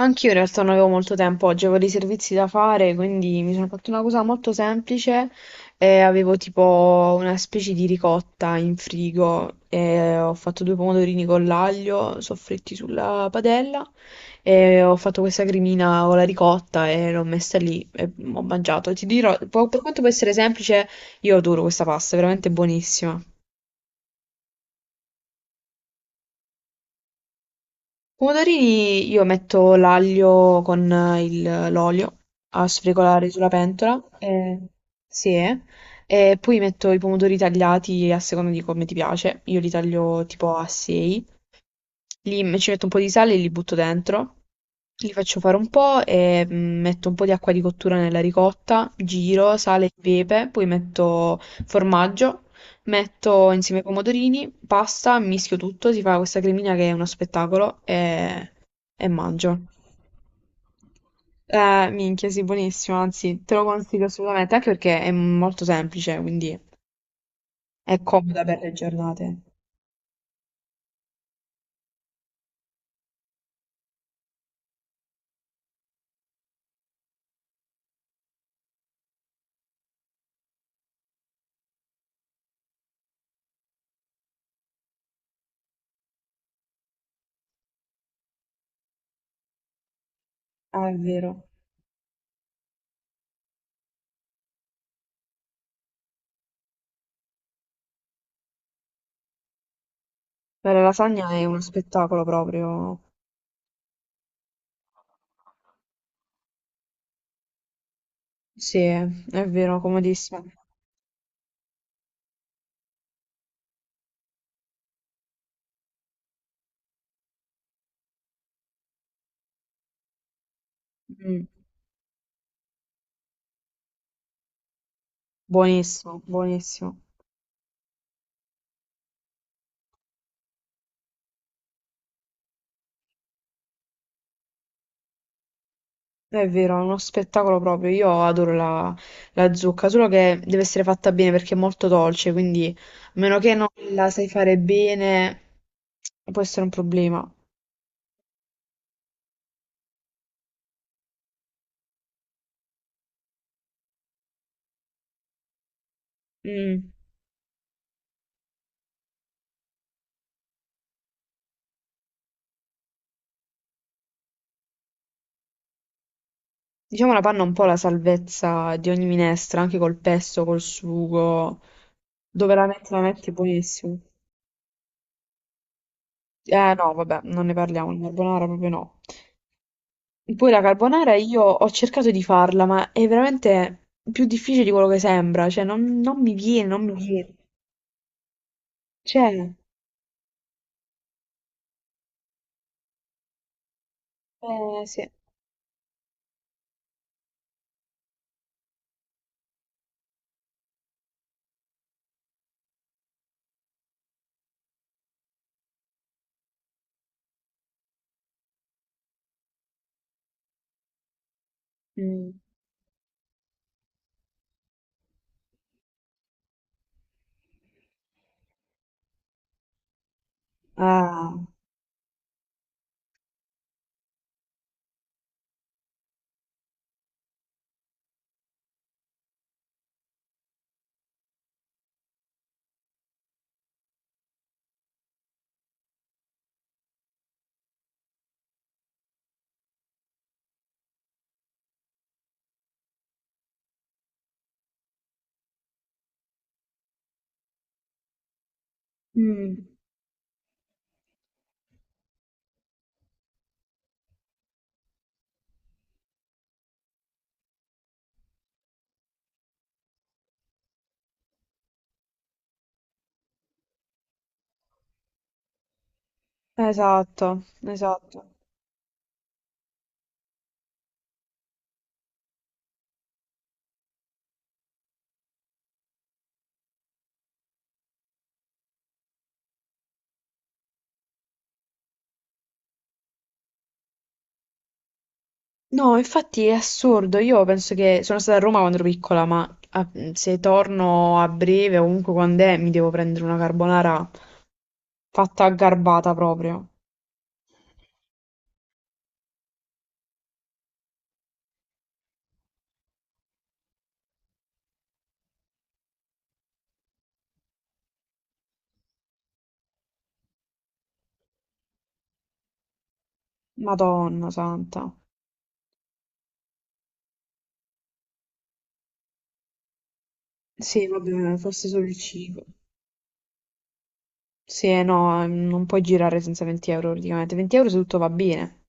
Anch'io in realtà non avevo molto tempo oggi, avevo dei servizi da fare, quindi mi sono fatta una cosa molto semplice e avevo tipo una specie di ricotta in frigo e ho fatto due pomodorini con l'aglio soffritti sulla padella e ho fatto questa cremina con la ricotta e l'ho messa lì e ho mangiato. Ti dirò, per quanto può essere semplice, io adoro questa pasta, è veramente buonissima. Pomodorini io metto l'aglio con l'olio a sfregolare sulla pentola. Sì, eh. E poi metto i pomodori tagliati a seconda di come ti piace. Io li taglio tipo a 6, ci metto un po' di sale e li butto dentro, li faccio fare un po' e metto un po' di acqua di cottura nella ricotta, giro, sale e pepe, poi metto formaggio, metto insieme i pomodorini, pasta, mischio tutto, si fa questa cremina che è uno spettacolo e mangio. Minchia, sì, buonissimo, anzi, te lo consiglio assolutamente, anche perché è molto semplice, quindi è comoda per le giornate. Ah, è vero. Beh, la lasagna è uno spettacolo proprio. Sì, è vero, comodissimo. Mm, buonissimo, buonissimo. È vero, è uno spettacolo proprio. Io adoro la, la zucca, solo che deve essere fatta bene perché è molto dolce, quindi a meno che non la sai fare bene, può essere un problema. Mm. Diciamo la panna è un po' la salvezza di ogni minestra, anche col pesto, col sugo. Dove la metti buonissimo. Eh no, vabbè, non ne parliamo, il carbonara proprio no. Poi la carbonara io ho cercato di farla, ma è veramente più difficile di quello che sembra, cioè non mi viene, non mi viene. Cioè, eh sì. Mm. Ah. Mm. Esatto, esatto. No, infatti è assurdo, io penso che sono stata a Roma quando ero piccola, ma ah, se torno a breve o comunque quando è, mi devo prendere una carbonara fatta a garbata proprio. Madonna santa. Sì, vabbè, forse solo il cibo. Sì, no, non puoi girare senza 20 euro praticamente. 20 euro se tutto va bene.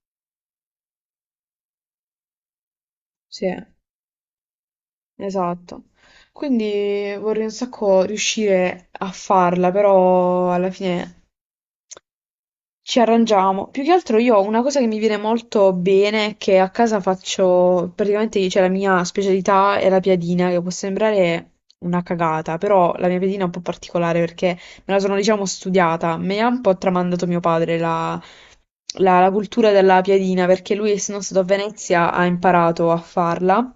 Sì, esatto. Quindi vorrei un sacco riuscire a farla, però alla fine. Ci arrangiamo. Più che altro io ho una cosa che mi viene molto bene, che a casa faccio, praticamente c'è la mia specialità è la piadina, che può sembrare una cagata, però la mia piadina è un po' particolare perché me la sono, diciamo, studiata. Me ha un po' tramandato mio padre la cultura della piadina, perché lui, essendo stato a Venezia, ha imparato a farla,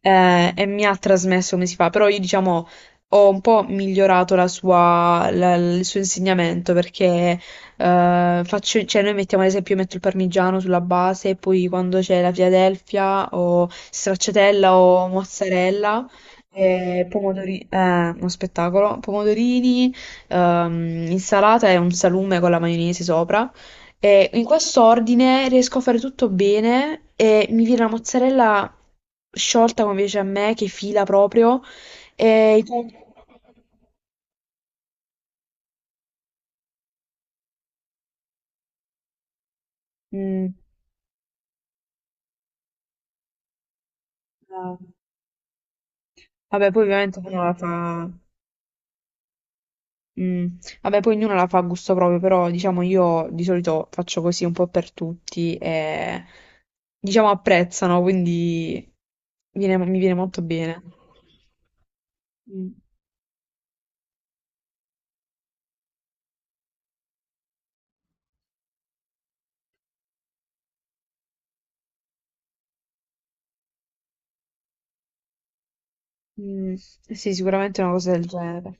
e mi ha trasmesso come si fa, però io diciamo ho un po' migliorato il suo insegnamento perché faccio, cioè noi mettiamo ad esempio, io metto il parmigiano sulla base e poi quando c'è la Philadelphia o stracciatella o mozzarella. eh, pomodori- eh, uno spettacolo, pomodorini, insalata e un salume con la maionese sopra. E in quest'ordine riesco a fare tutto bene e mi viene la mozzarella sciolta come piace a me, che fila proprio. E mm, no. Vabbè, poi ovviamente ognuno la fa... Mm, vabbè, poi ognuno la fa a gusto proprio, però diciamo io di solito faccio così un po' per tutti e diciamo apprezzano, quindi mi viene molto bene. Mm, mm, sì, sicuramente una cosa del genere.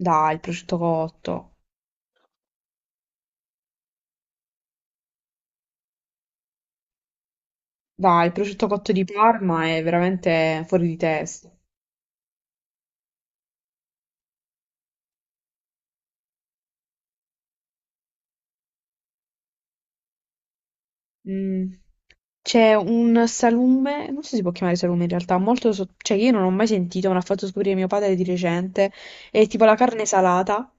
Dai, il prosciutto cotto. Dai, il prosciutto cotto di Parma è veramente fuori di testa. Mm. C'è un salume, non so se si può chiamare salume in realtà, cioè io non ho mai sentito, me l'ha fatto scoprire mio padre di recente, è tipo la carne salata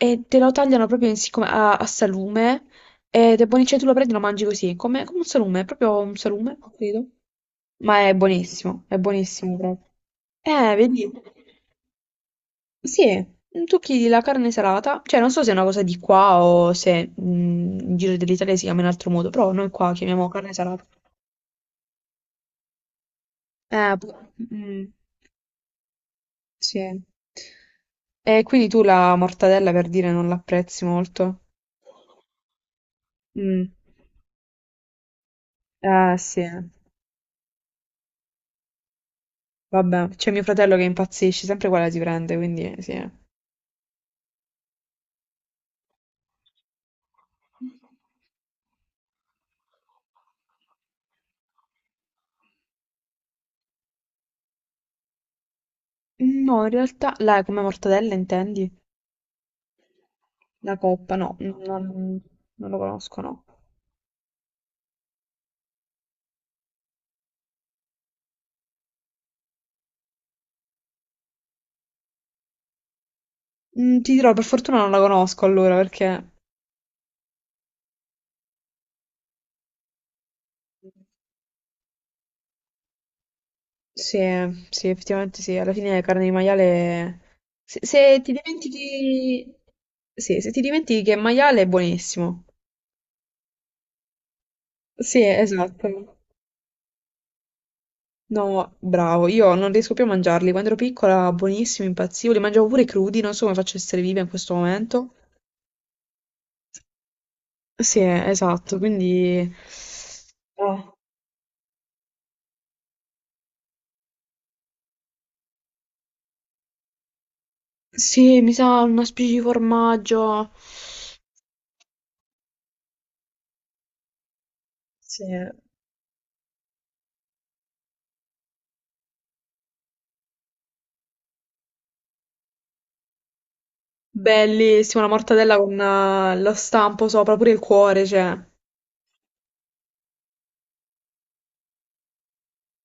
e te lo tagliano proprio a salume ed è buonissimo, cioè tu lo prendi e lo mangi così, come un salume, è proprio un salume, credo. Ma è buonissimo proprio. Vedi? Sì, tocchi la carne salata, cioè non so se è una cosa di qua o se in giro dell'Italia si chiama in altro modo, però noi qua chiamiamo carne salata. Eh, pu- mm, sì. E quindi tu la mortadella per dire non l'apprezzi molto? Mm. Sì, vabbè, c'è mio fratello che impazzisce, sempre quella si prende, quindi sì. No, in realtà, la come mortadella intendi? La coppa, non lo conosco, no. Mm, ti dirò, per fortuna non la conosco allora, perché sì, sì, effettivamente sì, alla fine la carne di maiale... Se, se ti dimentichi... Sì, se ti dimentichi che è maiale è buonissimo. Sì, esatto. No, bravo, io non riesco più a mangiarli. Quando ero piccola, buonissimi, impazzivo, li mangiavo pure crudi, non so come faccio a essere viva in questo momento. Sì, esatto, quindi... Oh. Sì, mi sa una specie di formaggio. Sì. Bellissima, la mortadella con lo stampo sopra, pure il cuore, cioè.